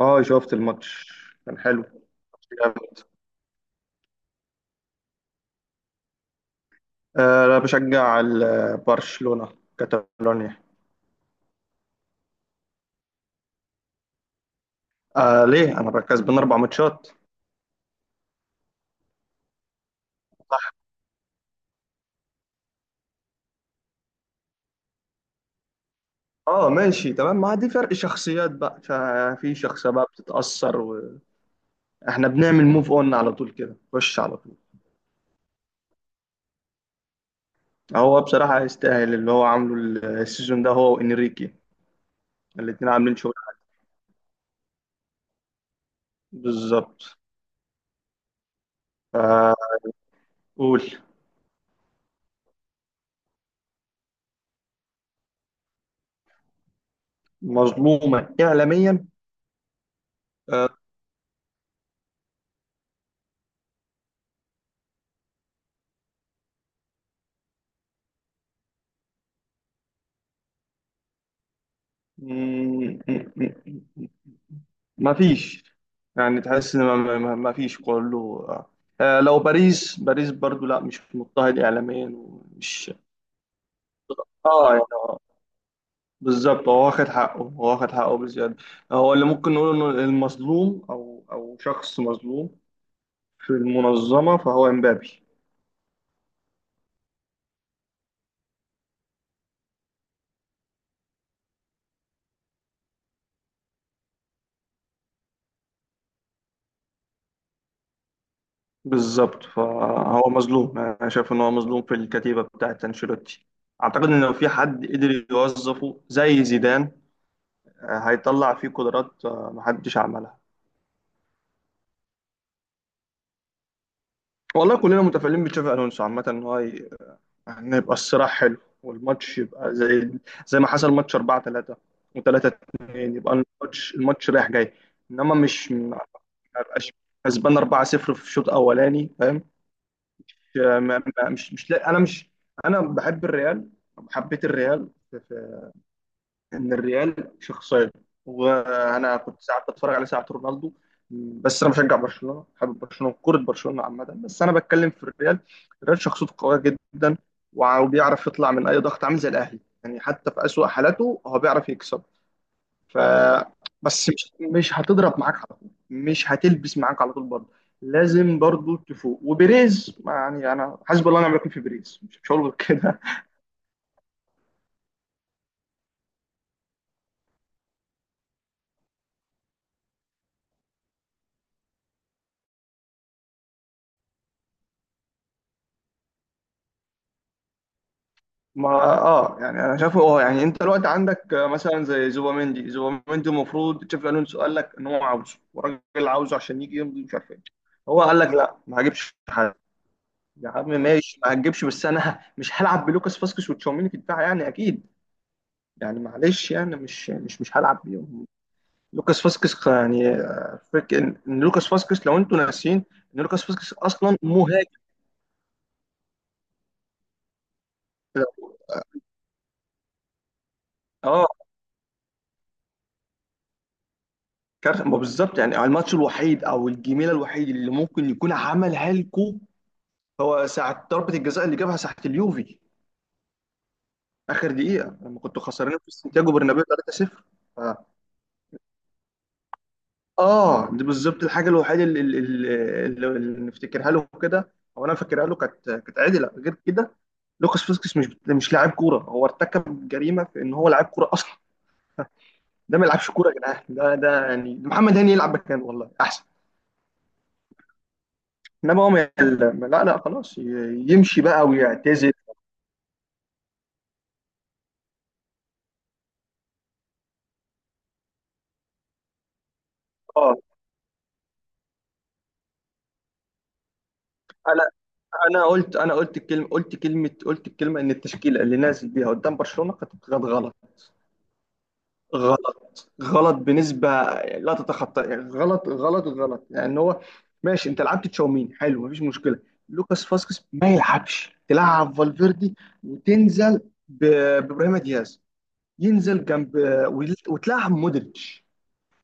اه، شفت الماتش. كان حلو. ماتش جامد. آه، انا بشجع برشلونة. كاتالونيا. آه، ليه انا كسبان اربع ماتشات. اه، ماشي تمام. ما دي فرق شخصيات بقى، ففي شخصية بقى بتتأثر. واحنا بنعمل موف اون على طول كده، خش على طول. هو بصراحة يستاهل اللي هو عامله السيزون ده، هو وانريكي. الاتنين عاملين شغل. بالظبط. فقول. مظلومة إعلاميا. آه، ما فيش. يعني تحس ان ما فيش كله. لو باريس باريس برضو، لا مش مضطهد اعلاميا ومش. اه يعني بالظبط. هو واخد حقه، هو واخد حقه بزياده. هو اللي ممكن نقول انه المظلوم، او شخص مظلوم في المنظمه، فهو امبابي. بالظبط، فهو مظلوم. انا شايف ان هو مظلوم في الكتيبه بتاعت انشيلوتي. اعتقد ان لو في حد قدر يوظفه زي زيدان، هيطلع فيه قدرات محدش عملها. والله كلنا متفائلين بتشافي الونسو عامة، ان هو ان يبقى الصراع حلو، والماتش يبقى زي ما حصل ماتش 4-3 و3 2. يبقى الماتش رايح جاي. انما مش ما يبقاش كسبان 4-0 في الشوط الاولاني، فاهم. مش ما- ما- مش مش لا- انا مش انا بحب الريال. حبيت الريال. ان الريال شخصيه. وانا كنت ساعات بتفرج على ساعات رونالدو. بس انا بشجع برشلونه، حابب برشلونه، كره برشلونه عامه، بس انا بتكلم في الريال. الريال شخصيته قويه جدا. وبيعرف يطلع من اي ضغط، عامل زي الاهلي. يعني حتى في اسوأ حالاته هو بيعرف يكسب. ف بس مش هتضرب معاك على طول، مش هتلبس معاك على طول برضه. لازم برضه تفوق. وبيريز، ما يعني، انا حسب الله ونعم الوكيل في بيريز. مش هقول غير كده. ما اه يعني انا شايفه. اه يعني انت الوقت عندك مثلا زي زوباميندي. المفروض تشافي الونسو قال لك ان هو عاوزه، والراجل عاوزه عشان يجي يمضي، مش عارف ايه. هو قال لك لا، ما هجيبش حد. يا عم ماشي، ما هتجيبش، بس انا مش هلعب بلوكاس فاسكس وتشاوميني في الدفاع يعني اكيد. يعني معلش، يعني مش هلعب بيهم. لوكاس فاسكس، يعني فك ان لوكاس فاسكس، لو انتوا ناسيين، ان لوكاس فاسكس اصلا مهاجم. اه. كارثه، ما بالظبط. يعني الماتش الوحيد او الجميله الوحيد اللي ممكن يكون عملها لكم، هو ساعه ضربه الجزاء اللي جابها ساعه اليوفي، اخر دقيقه، لما كنتوا خسرانين في سانتياغو برنابيو 3-0. ف- اه، دي بالظبط الحاجه الوحيده اللي نفتكرها له كده. او انا فاكرها له. كانت عدله غير كده. لوكاس فاسكس مش لاعب كوره. هو ارتكب جريمه في ان هو لاعب كوره اصلا. ده ما يلعبش كوره يا جدعان. ده يعني محمد هاني يلعب مكانه والله احسن. انما هو ما يعلم، لا لا، خلاص. يمشي بقى ويعتزل. اه. انا انا قلت انا قلت الكلمه قلت كلمه قلت الكلمه ان التشكيله اللي نازل بيها قدام برشلونه كانت غلط. غلط غلط بنسبه لا تتخطى. يعني غلط غلط غلط. يعني هو ماشي، انت لعبت تشاومين حلو، مفيش مشكله. لوكاس فاسكس ما يلعبش، تلعب فالفيردي، وتنزل ب- بابراهيم دياز، ينزل جنب، وتلعب مودريتش.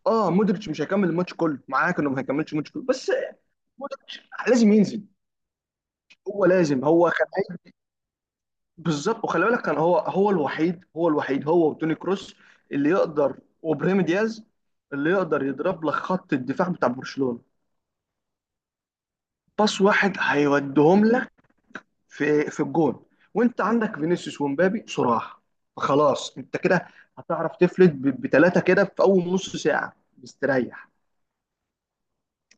اه مودريتش مش هيكمل الماتش كله معاك، انه ما هيكملش الماتش كله، بس مودريتش لازم ينزل. هو لازم، بالظبط. وخلي بالك، كان هو، هو الوحيد، هو وتوني كروس اللي يقدر، وابراهيم دياز اللي يقدر يضرب لك خط الدفاع بتاع برشلونة. باص واحد هيوديهم لك في الجون. وانت عندك فينيسيوس ومبابي، صراحة خلاص، انت كده هتعرف تفلت بثلاثة كده في اول نص ساعة مستريح.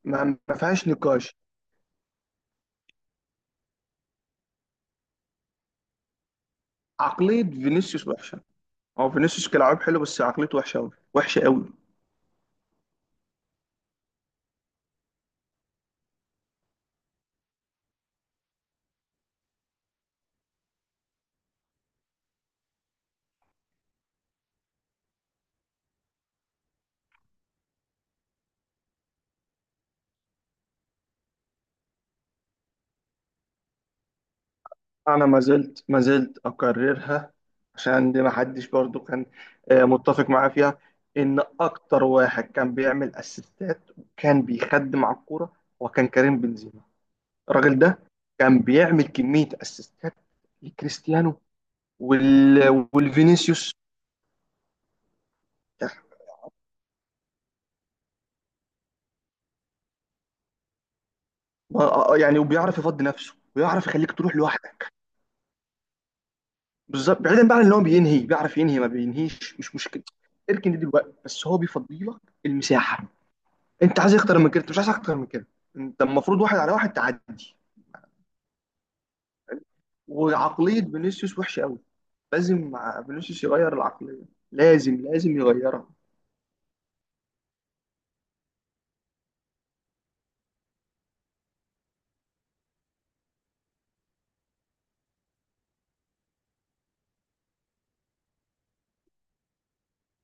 ما ما فيهاش نقاش. عقلية فينيسيوس وحشة. هو فينيسيوس كلاعب حلو، بس عقليته وحشه قوي، وحشه قوي. انا ما زلت ما زلت اكررها، عشان دي ما حدش برضو كان متفق معايا فيها، ان اكتر واحد كان بيعمل اسيستات وكان بيخدم على الكوره، وكان كريم بنزيما. الراجل ده كان بيعمل كميه اسيستات لكريستيانو والفينيسيوس. يعني، يعني وبيعرف يفضي نفسه، ويعرف يخليك تروح لوحدك. بالظبط، بعيدا بقى عن ان هو بينهي. بيعرف ينهي، ما بينهيش، مش مشكله. اركن دي دلوقتي، بس هو بيفضي لك المساحه. انت عايز اكتر من كده. انت مش عايز اكتر من كده. انت المفروض واحد على واحد تعدي. وعقليه فينيسيوس وحشه قوي. لازم فينيسيوس يغير العقليه. لازم لازم يغيرها.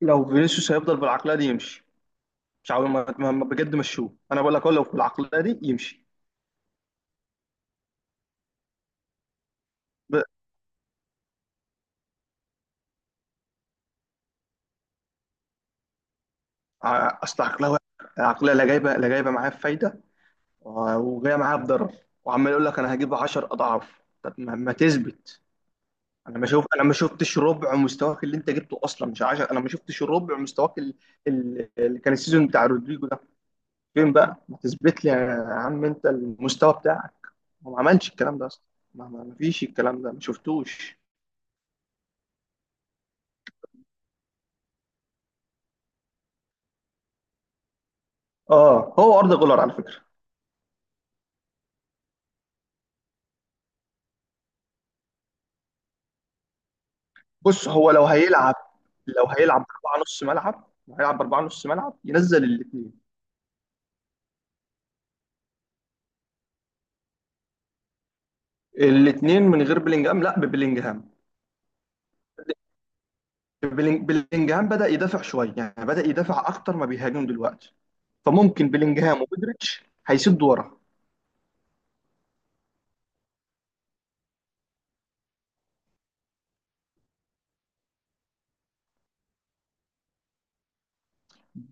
لو فينيسيوس هيفضل بالعقليه دي، يمشي. مش عاوز. بجد مشوه، انا بقول لك هو لو بالعقليه دي يمشي. ب- اصل عقلها وحش. العقليه لا جايبه، لا جايبه معاه فايده، وجاي معايا بضرر. وعمال يقول لك انا هجيب 10 اضعاف. طب ما تثبت. انا ما شفتش ربع مستواك اللي انت جبته اصلا، مش 10. انا ما شفتش ربع مستواك اللي كان السيزون بتاع رودريجو ده. فين بقى؟ ما تثبت لي يا عم انت المستوى بتاعك. هو ما عملش الكلام ده اصلا. ما فيش الكلام ده، ما شفتوش. اه، هو ارض جولر على فكره. بص، هو لو هيلعب، لو هيلعب باربعه نص ملعب لو هيلعب باربعه نص ملعب، ينزل الاثنين. الاثنين من غير بلينجهام؟ لا، ببلينجهام. بلينجهام بدأ يدافع شوية، يعني بدأ يدافع أكتر ما بيهاجم دلوقتي. فممكن بلينجهام ومودريتش هيسدوا ورا.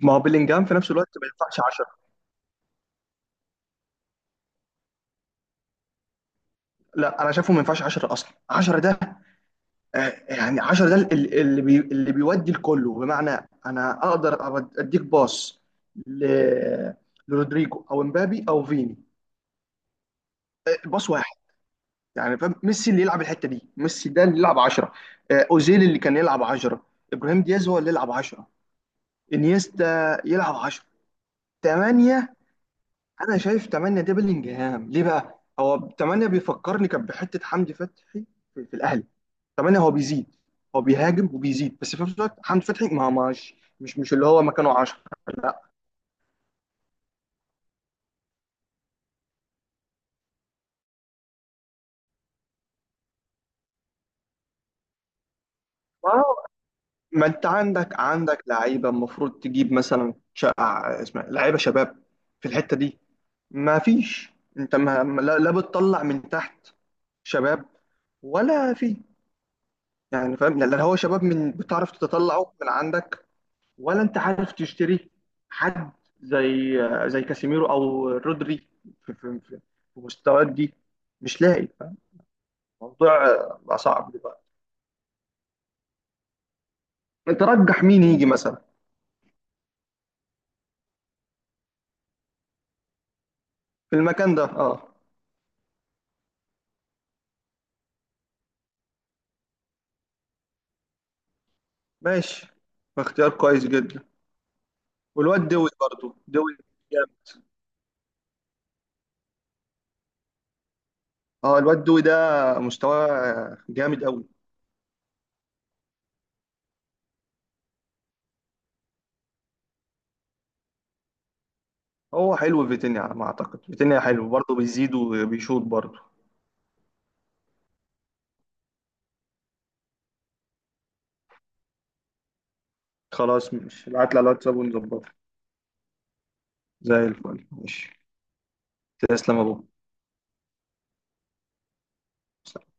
ما هو بلينجهام في نفس الوقت ما ينفعش 10. لا، انا شايفه ما ينفعش 10 اصلا. 10 ده يعني، 10 ده اللي اللي بيودي الكله، بمعنى انا اقدر اديك باص ل- لرودريجو او امبابي او فيني. باص واحد، يعني فاهم. ميسي اللي يلعب الحته دي. ميسي ده اللي يلعب 10. اوزيل اللي كان يلعب 10. ابراهيم دياز هو اللي يلعب 10. انيستا يلعب 10. 8. انا شايف 8 ده بلينجهام ليه. بقى هو 8 بيفكرني كان بحته حمدي فتحي في, الاهلي. 8 هو بيزيد. هو بيهاجم وبيزيد، بس في نفس الوقت حمدي فتحي، ما مش مش مش اللي هو مكانه 10. لا. ما هو- ما انت عندك لعيبه المفروض تجيب مثلا اسمها إيه، لعيبه شباب في الحته دي، ما فيش. انت ما لا بتطلع من تحت شباب، ولا في، يعني فاهم. لا لا، هو شباب من بتعرف تطلعه من عندك، ولا انت عارف تشتري حد زي، زي كاسيميرو او رودري، في, في مستويات دي، مش لاقي فاهم. الموضوع بقى صعب دلوقتي. ترجح مين يجي مثلا في المكان ده. اه، ماشي. اختيار كويس جدا. والواد دوي برضو، دوي جامد. اه، الواد دوي ده مستواه جامد قوي. هو حلو فيتينيا. على ما اعتقد فيتينيا حلو برضه، بيزيد وبيشوط برضه. خلاص، مش ابعت لي على الواتساب ونظبطه. زي الفل، ماشي. تسلم يا ابو.